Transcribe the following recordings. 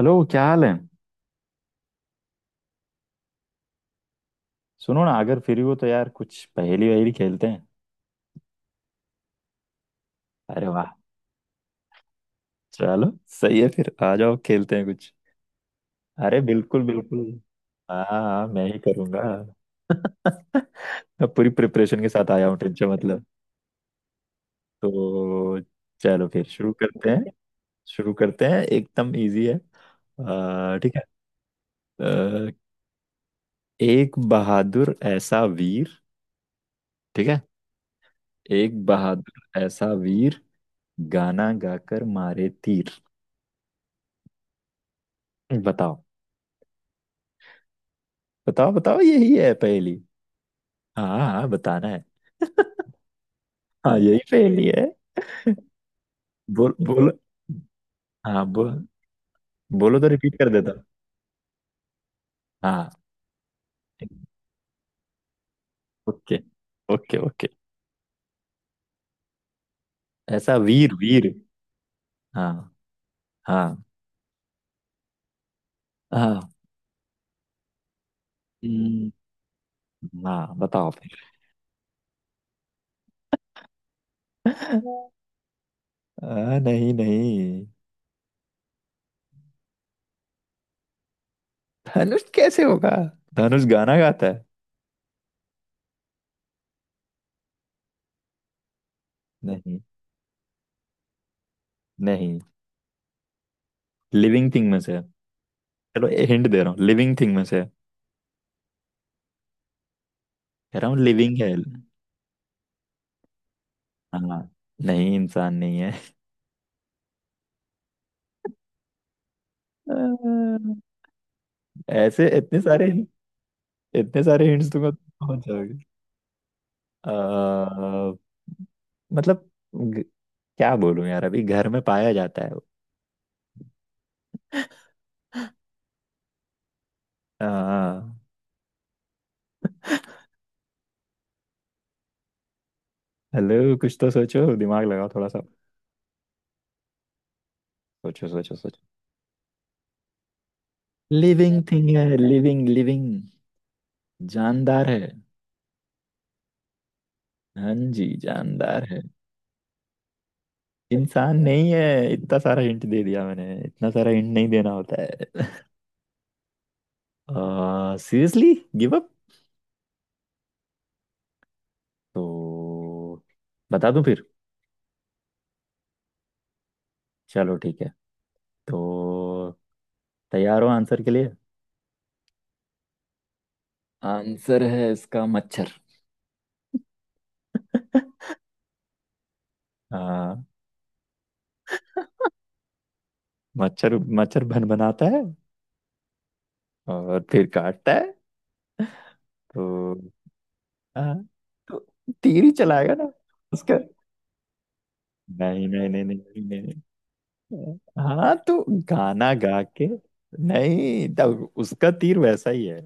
Hello, क्या हाल है? सुनो ना, अगर फ्री हो तो यार कुछ पहेली वहेली खेलते हैं। अरे वाह। चलो, सही है, फिर आ जाओ खेलते हैं कुछ। अरे, बिल्कुल बिल्कुल। हाँ हाँ, मैं ही करूँगा। मैं पूरी प्रिपरेशन के साथ आया हूँ, टेंशन मतलब। तो चलो फिर शुरू करते हैं। शुरू करते हैं, एकदम इजी है। ठीक है। आ, एक बहादुर ऐसा वीर, ठीक है, एक बहादुर ऐसा वीर, गाना गाकर मारे तीर। बताओ। बताओ बताओ, यही है पहेली। हाँ हाँ, बताना है। हाँ, यही पहेली है। बोल बोलो। हाँ बोल, बोलो तो रिपीट कर देता हूँ। हाँ। Okay okay okay. ऐसा वीर वीर। हाँ। हाँ। हाँ। हम्म। हाँ, बताओ फिर। नहीं नहीं, धनुष कैसे होगा? धनुष गाना गाता है? नहीं नहीं, लिविंग थिंग में से है। चलो हिंट दे रहा हूँ, लिविंग थिंग में से है। कह रहा हूँ लिविंग है। हाँ। नहीं, इंसान नहीं है। आ, ऐसे इतने सारे हिंट्स दूंगा तो पहुंच जाओगे। अ, मतलब, ग- क्या बोलूं यार, अभी घर में पाया जाता है वो। हेलो, कुछ तो सोचो, दिमाग लगाओ थोड़ा सा। सोचो सोचो सोचो। लिविंग थिंग है, लिविंग लिविंग। जानदार है। हाँ जी, जानदार है। इंसान नहीं है, इतना सारा हिंट दे दिया मैंने, इतना सारा हिंट नहीं देना होता है। सीरियसली। Give up. तो बता दूं फिर? चलो ठीक है। तो तैयार हो आंसर के लिए? आंसर है इसका मच्छर। हाँ, मच्छर। मच्छर भन बनाता है, और फिर काटता है। तो हाँ, तो तीर ही चलाएगा ना उसका। नहीं नहीं नहीं नहीं नहीं, नहीं, नहीं। हाँ तो, गाना गा के, नहीं, तब उसका तीर वैसा ही है।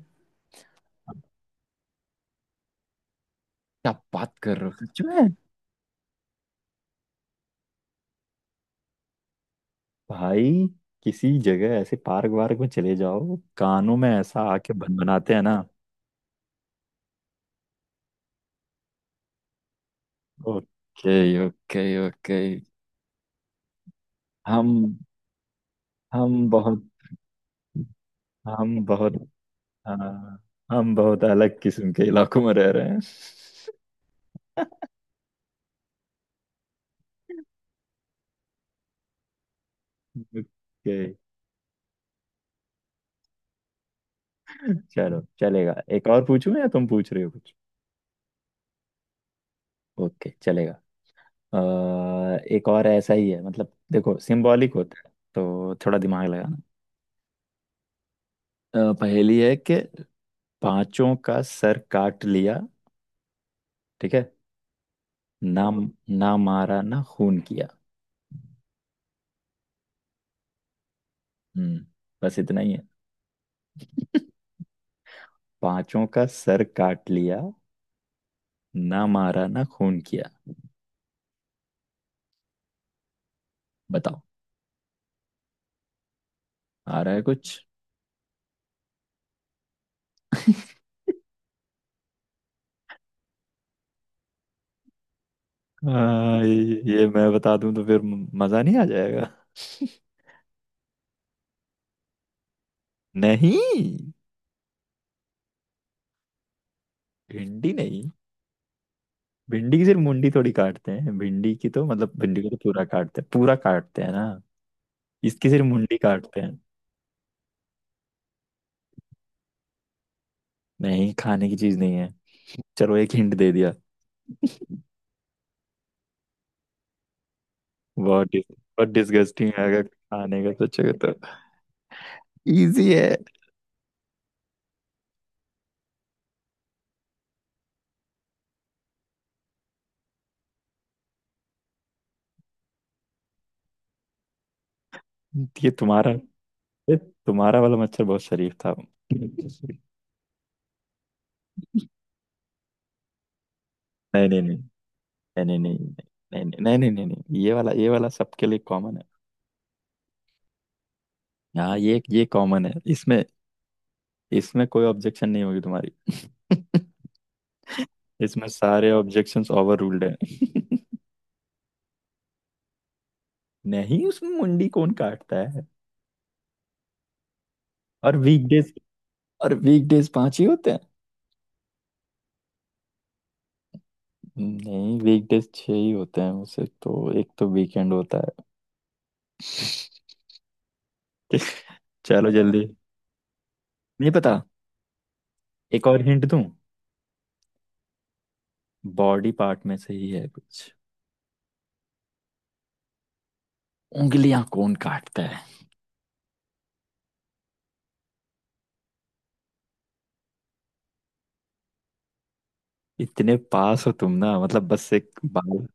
क्या बात कर रहे हो, सच में? भाई, किसी जगह ऐसे पार्क वार्क में चले जाओ, कानों में ऐसा आके बन बनाते हैं ना। Okay okay okay. हम हम बहुत हम बहुत हाँ, हम बहुत अलग किस्म के इलाकों में रह रहे हैं। ओके। चलो चलेगा, एक और पूछूं या तुम पूछ रहे हो कुछ? ओके, चलेगा। एक और ऐसा ही है, मतलब देखो सिंबॉलिक होता है तो थोड़ा दिमाग लगाना। पहेली है कि, पांचों का सर काट लिया, ठीक है, ना ना मारा ना खून किया। हम्म बस इतना ही है। पांचों का सर काट लिया, ना मारा ना खून किया। बताओ, आ रहा है कुछ? हाँ, ये मैं बता दूं तो फिर मजा नहीं आ जाएगा। नहीं, भिंडी नहीं। भिंडी की सिर्फ मुंडी थोड़ी काटते हैं, भिंडी की तो मतलब भिंडी को तो पूरा काटते हैं, पूरा काटते हैं ना। इसकी सिर्फ मुंडी काटते हैं। नहीं, खाने की चीज नहीं है। चलो, एक हिंट दे दिया। बहुत डिस, बहुत डिसगस्टिंग है अगर खाने का सोचोगे तो। इजी है। ये तुम्हारा ये तुम्हारा वाला मच्छर बहुत शरीफ था। नहीं नहीं नहीं नहीं नहीं नहीं नहीं नहीं नहीं नहीं नहीं नहीं, ये वाला, ये वाला सबके लिए कॉमन है। हाँ, ये कॉमन है इसमें। इसमें कोई ऑब्जेक्शन नहीं होगी तुम्हारी। इसमें सारे ऑब्जेक्शंस ओवर रूल्ड है। नहीं, उसमें मुंडी कौन काटता है? और वीकडेज और वीकडेज पांच ही होते हैं। नहीं, वीकडेज छह ही होते हैं उसे तो, एक तो वीकेंड होता है। चलो जल्दी, नहीं पता? एक और हिंट दूं? बॉडी पार्ट में से ही है कुछ। उंगलियां कौन काटता है? इतने पास हो तुम ना, मतलब बस एक बाल।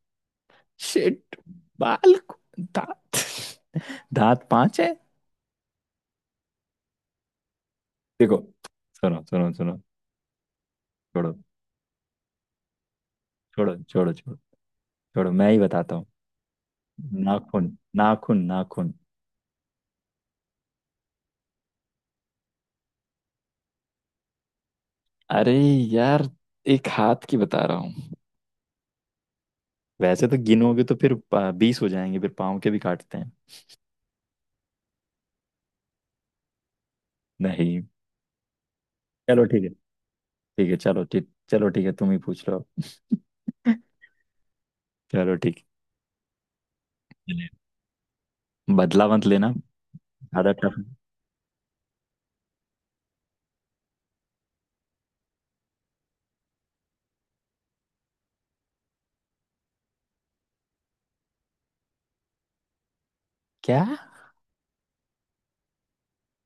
शिट। बाल को- दांत? दांत पांच है? देखो, सुनो सुनो सुनो। छोड़ो छोड़ो छोड़ो। छोड़ो छोड़ो, मैं ही बताता हूँ। नाखून। नाखून नाखून। अरे यार, एक हाथ की बता रहा हूँ, वैसे तो गिनोगे तो फिर बीस हो जाएंगे, फिर पाँव के भी काटते हैं। नहीं। चलो ठीक है, ठीक है, चलो ठीक, चलो ठीक है, तुम ही पूछ लो। चलो ठीक है। बदला मत लेना, ज्यादा टफ। क्या?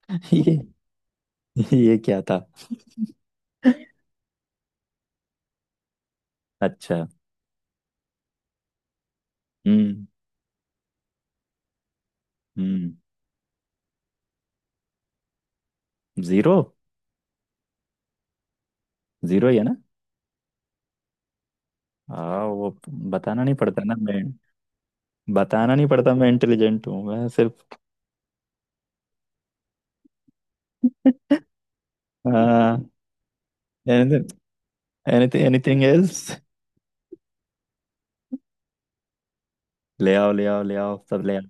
ये? ये क्या था? अच्छा। हम्म। हम्म। जीरो। जीरो ही है ना। हाँ वो, बताना नहीं पड़ता ना मैं बताना नहीं पड़ता। मैं इंटेलिजेंट हूँ। मैं सिर्फ, एनीथिंग एनीथिंग एल्स? ले आओ ले आओ ले आओ, सब ले आओ।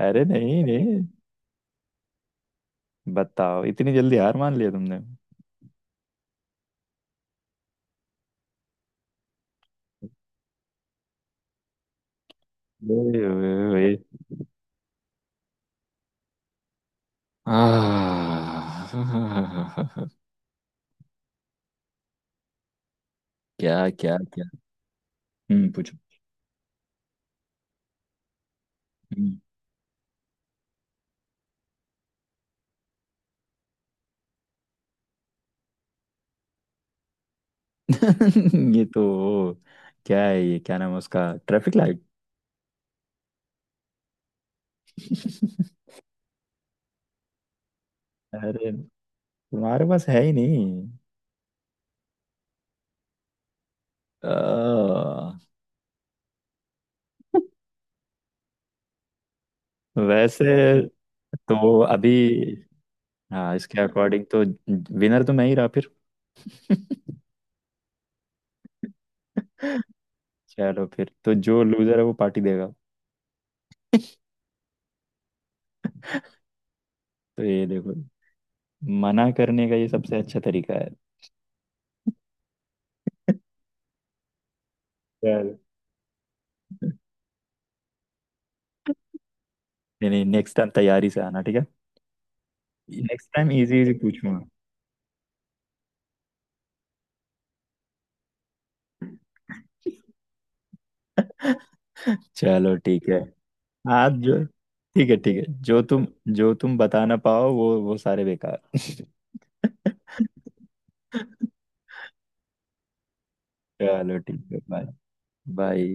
अरे नहीं नहीं, बताओ, इतनी जल्दी हार मान लिया तुमने? ओए, ओए, ओए। आह, क्या क्या क्या। हम्म, पूछो। हम्म। ये तो, क्या है ये क्या नाम है उसका, ट्रैफिक लाइट? अरे, तुम्हारे पास है ही नहीं। अ, वैसे तो अभी हाँ, इसके अकॉर्डिंग तो विनर तो मैं ही रहा फिर। चलो फिर तो जो लूजर है वो पार्टी देगा। तो ये देखो, मना करने का ये सबसे अच्छा तरीका है। चलो। नहीं नहीं, नेक्स्ट टाइम तैयारी से आना, ठीक है? नेक्स्ट टाइम इजी इजी पूछूंगा। चलो ठीक है। आज जो ठीक है ठीक है, जो तुम बता ना पाओ वो सारे बेकार। चलो ठीक है, बाय बाय।